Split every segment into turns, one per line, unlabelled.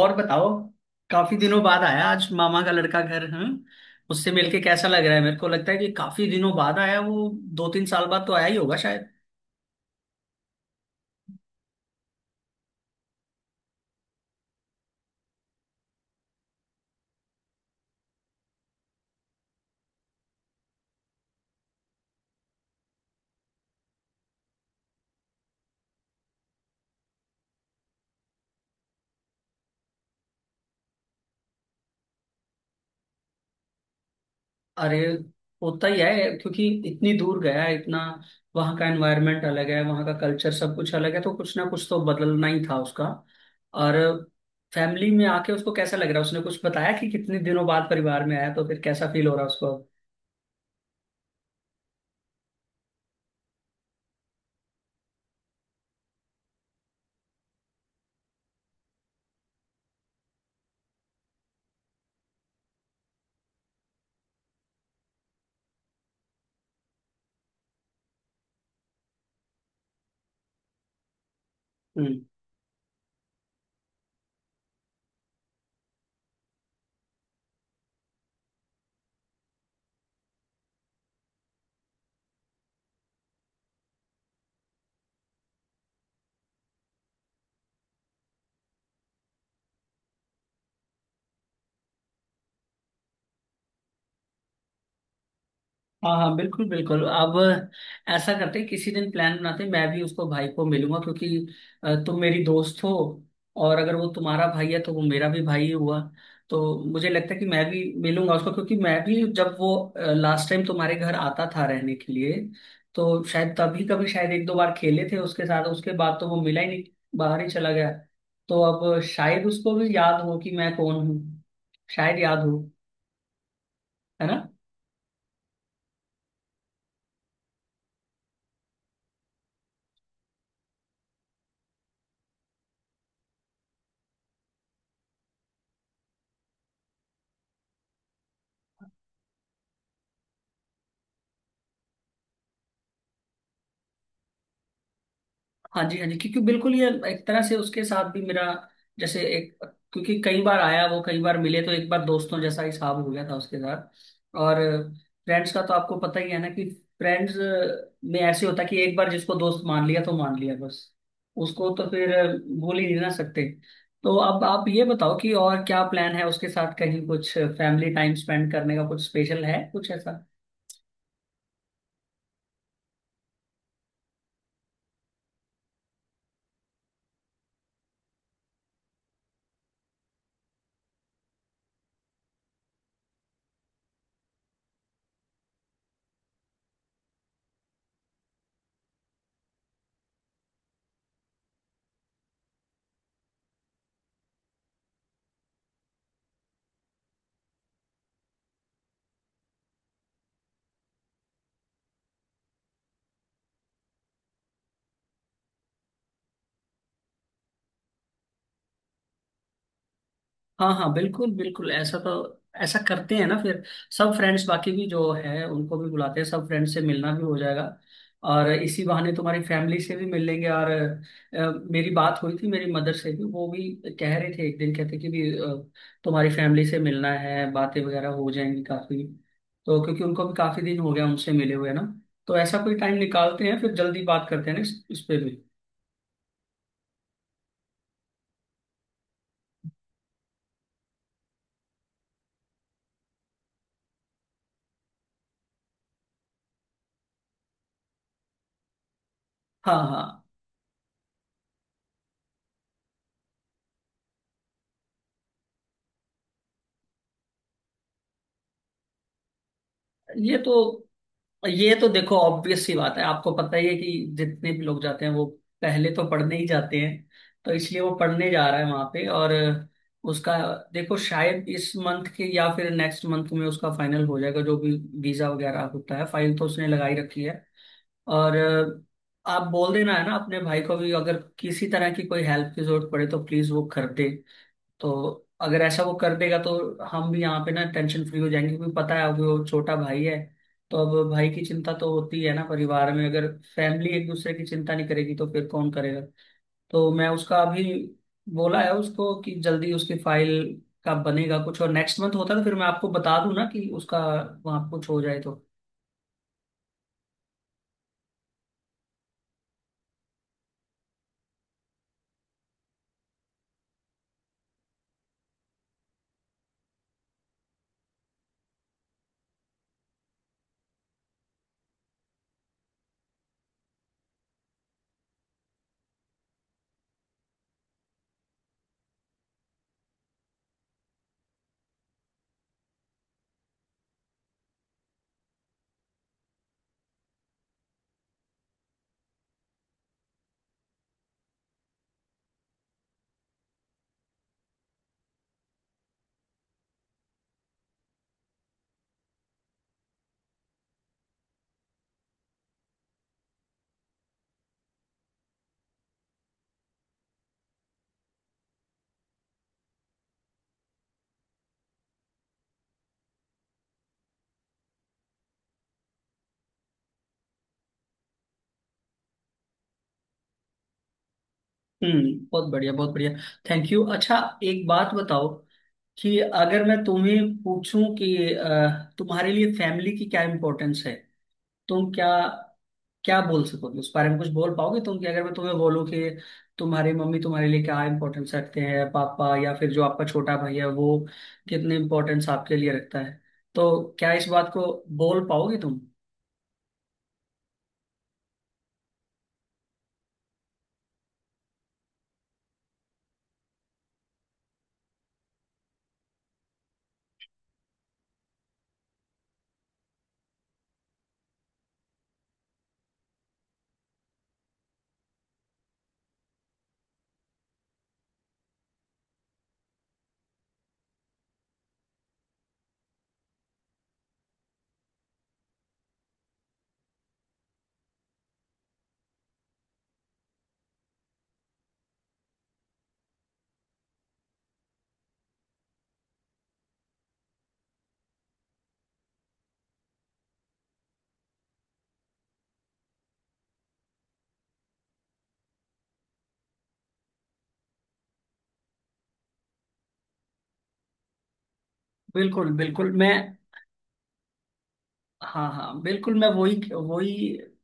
और बताओ। काफी दिनों बाद आया आज मामा का लड़का घर। उससे मिलके कैसा लग रहा है। मेरे को लगता है कि काफी दिनों बाद आया वो। 2 3 साल बाद तो आया ही होगा शायद। अरे होता ही है, क्योंकि इतनी दूर गया है, इतना। वहाँ का एनवायरनमेंट अलग है, वहाँ का कल्चर सब कुछ अलग है, तो कुछ ना कुछ तो बदलना ही था उसका। और फैमिली में आके उसको कैसा लग रहा है? उसने कुछ बताया कि कितने दिनों बाद परिवार में आया तो फिर कैसा फील हो रहा है उसको? हाँ हाँ, बिल्कुल बिल्कुल। अब ऐसा करते हैं, किसी दिन प्लान बनाते हैं, मैं भी उसको, भाई को मिलूंगा। क्योंकि तुम मेरी दोस्त हो, और अगर वो तुम्हारा भाई है तो वो मेरा भी भाई हुआ। तो मुझे लगता है कि मैं भी मिलूंगा उसको, क्योंकि मैं भी जब वो लास्ट टाइम तुम्हारे घर आता था रहने के लिए, तो शायद तभी कभी, शायद एक दो बार खेले थे उसके साथ। उसके बाद तो वो मिला ही नहीं, बाहर ही चला गया। तो अब शायद उसको भी याद हो कि मैं कौन हूँ। शायद याद हो। है ना। हाँ जी, हाँ जी। क्योंकि बिल्कुल, ये एक तरह से उसके साथ भी मेरा, जैसे एक, क्योंकि कई बार आया वो, कई बार मिले, तो एक बार दोस्तों जैसा हिसाब हो गया था उसके साथ। और फ्रेंड्स का तो आपको पता ही है ना, कि फ्रेंड्स में ऐसे होता है कि एक बार जिसको दोस्त मान लिया तो मान लिया बस। उसको तो फिर भूल ही नहीं ना सकते। तो अब आप ये बताओ कि और क्या प्लान है उसके साथ, कहीं कुछ फैमिली टाइम स्पेंड करने का, कुछ स्पेशल है कुछ ऐसा? हाँ हाँ, बिल्कुल बिल्कुल। ऐसा तो, ऐसा करते हैं ना फिर, सब फ्रेंड्स बाकी भी जो है उनको भी बुलाते हैं, सब फ्रेंड्स से मिलना भी हो जाएगा। और इसी बहाने तुम्हारी फैमिली से भी मिल लेंगे। और मेरी बात हुई थी मेरी मदर से, भी वो भी कह रहे थे एक दिन, कहते कि, भी तुम्हारी फैमिली से मिलना है, बातें वगैरह हो जाएंगी काफी। तो क्योंकि उनको भी काफी दिन हो गया उनसे मिले हुए ना। तो ऐसा कोई टाइम निकालते हैं, फिर जल्दी बात करते हैं ना इस पे भी। हाँ हाँ। ये तो ये तो देखो ऑब्वियस सी बात है, आपको पता ही है कि जितने भी लोग जाते हैं वो पहले तो पढ़ने ही जाते हैं। तो इसलिए वो पढ़ने जा रहा है वहां पे। और उसका, देखो शायद इस मंथ के या फिर नेक्स्ट मंथ में उसका फाइनल हो जाएगा, जो भी वीजा वगैरह होता है। फाइल तो उसने लगाई रखी है। और आप बोल देना है ना अपने भाई को भी, अगर किसी तरह की कोई हेल्प की जरूरत पड़े तो प्लीज वो कर दे। तो अगर ऐसा वो कर देगा तो हम भी यहाँ पे ना टेंशन फ्री हो जाएंगे, क्योंकि पता है अब वो छोटा भाई है। तो अब भाई की चिंता तो होती है ना, परिवार में अगर फैमिली एक दूसरे की चिंता नहीं करेगी तो फिर कौन करेगा। तो मैं उसका अभी बोला है उसको कि जल्दी उसकी फाइल का बनेगा कुछ, और नेक्स्ट मंथ होता है तो फिर मैं आपको बता दूं ना, कि उसका वहाँ कुछ हो जाए तो। हम्म, बहुत बढ़िया, बहुत बढ़िया। Thank you. अच्छा, एक बात बताओ, कि अगर मैं तुम्हें पूछूं कि तुम्हारे लिए फैमिली की क्या इंपॉर्टेंस है, तुम क्या क्या बोल सकोगे उस बारे में? कुछ बोल पाओगे तुम? कि अगर मैं तुम्हें बोलूं कि तुम्हारी मम्मी तुम्हारे लिए क्या इंपॉर्टेंस रखते हैं, पापा, या फिर जो आपका छोटा भाई है वो कितने इंपॉर्टेंस आपके लिए रखता है? तो क्या इस बात को बोल पाओगे तुम? बिल्कुल बिल्कुल। मैं, हाँ हाँ, बिल्कुल। मैं वही वही,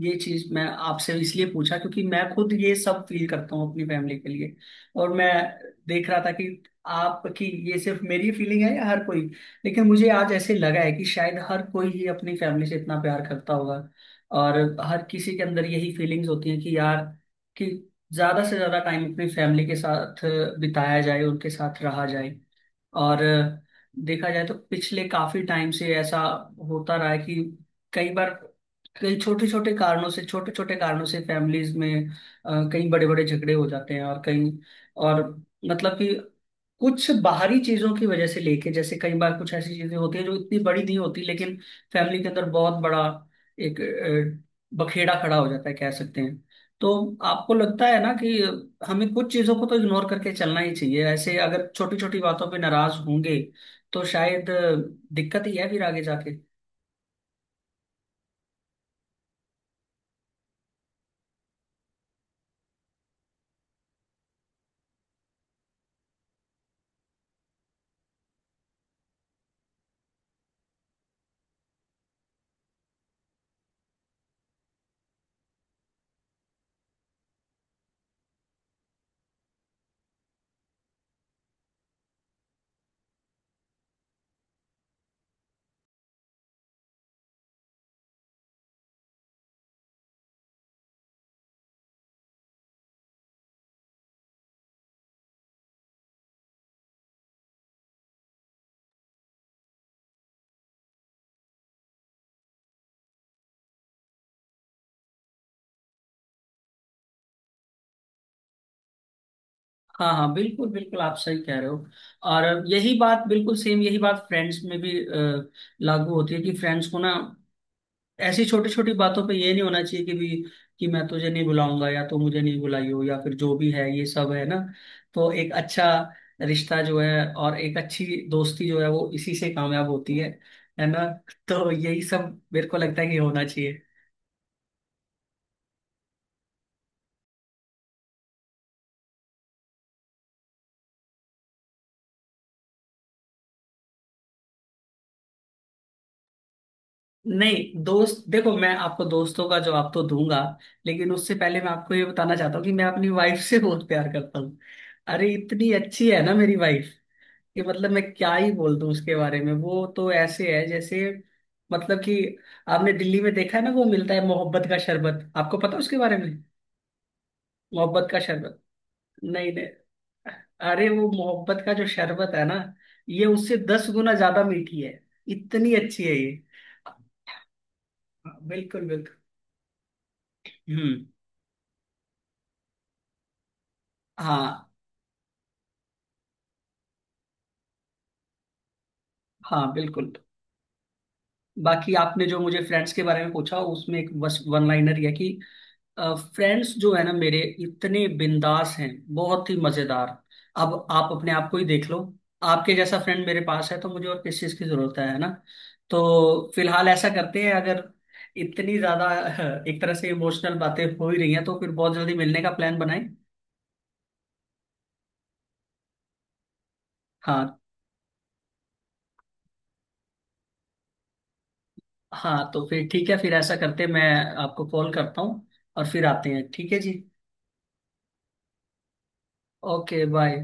ये चीज मैं आपसे इसलिए पूछा क्योंकि मैं खुद ये सब फील करता हूँ अपनी फैमिली के लिए। और मैं देख रहा था कि आपकी, ये सिर्फ मेरी फीलिंग है या हर कोई। लेकिन मुझे आज ऐसे लगा है कि शायद हर कोई ही अपनी फैमिली से इतना प्यार करता होगा। और हर किसी के अंदर यही फीलिंग्स होती हैं कि यार, कि ज्यादा से ज्यादा टाइम अपनी फैमिली के साथ बिताया जाए, उनके साथ रहा जाए। और देखा जाए तो पिछले काफी टाइम से ऐसा होता रहा है कि कई बार, कई छोटे छोटे कारणों से, छोटे छोटे कारणों से फैमिलीज में कई बड़े बड़े झगड़े हो जाते हैं, और कई, और मतलब कि, कुछ बाहरी चीजों की वजह से लेके, जैसे कई बार कुछ ऐसी चीजें होती हैं जो इतनी बड़ी नहीं होती, लेकिन फैमिली के अंदर बहुत बड़ा एक बखेड़ा खड़ा हो जाता है, कह सकते हैं। तो आपको लगता है ना कि हमें कुछ चीजों को तो इग्नोर करके चलना ही चाहिए, ऐसे अगर छोटी छोटी बातों पे नाराज होंगे तो शायद दिक्कत ही है फिर आगे जाके। हाँ हाँ, बिल्कुल बिल्कुल, आप सही कह रहे हो। और यही बात, बिल्कुल सेम यही बात फ्रेंड्स में भी लागू होती है, कि फ्रेंड्स को ना ऐसी छोटी छोटी बातों पे ये नहीं होना चाहिए कि, भी कि मैं तुझे नहीं बुलाऊंगा, या तू मुझे नहीं बुलाई हो, या फिर जो भी है ये सब, है ना। तो एक अच्छा रिश्ता जो है, और एक अच्छी दोस्ती जो है, वो इसी से कामयाब होती है। है ना। तो यही सब मेरे को लगता है कि होना चाहिए। नहीं दोस्त, देखो मैं आपको दोस्तों का जवाब तो दूंगा, लेकिन उससे पहले मैं आपको ये बताना चाहता हूँ कि मैं अपनी वाइफ से बहुत प्यार करता हूँ। अरे इतनी अच्छी है ना मेरी वाइफ कि मतलब मैं क्या ही बोल दूं उसके बारे में। वो तो ऐसे है जैसे, मतलब कि, आपने दिल्ली में देखा है ना वो मिलता है मोहब्बत का शरबत, आपको पता है उसके बारे में? मोहब्बत का शरबत। नहीं नहीं, अरे वो मोहब्बत का जो शरबत है ना, ये उससे 10 गुना ज्यादा मीठी है। इतनी अच्छी है ये। बिल्कुल बिल्कुल। हम्म। हाँ। हाँ बिल्कुल। बाकी आपने जो मुझे फ्रेंड्स के बारे में पूछा, उसमें एक बस वन लाइनर है कि, फ्रेंड्स जो है ना मेरे, इतने बिंदास हैं, बहुत ही मजेदार। अब आप अपने आप को ही देख लो, आपके जैसा फ्रेंड मेरे पास है तो मुझे और किस चीज की जरूरत है ना। तो फिलहाल ऐसा करते हैं, अगर इतनी ज्यादा एक तरह से इमोशनल बातें हो ही रही हैं, तो फिर बहुत जल्दी मिलने का प्लान बनाएं। हाँ हाँ, तो फिर ठीक है, फिर ऐसा करते हैं, मैं आपको कॉल करता हूँ और फिर आते हैं। ठीक है जी। Okay bye.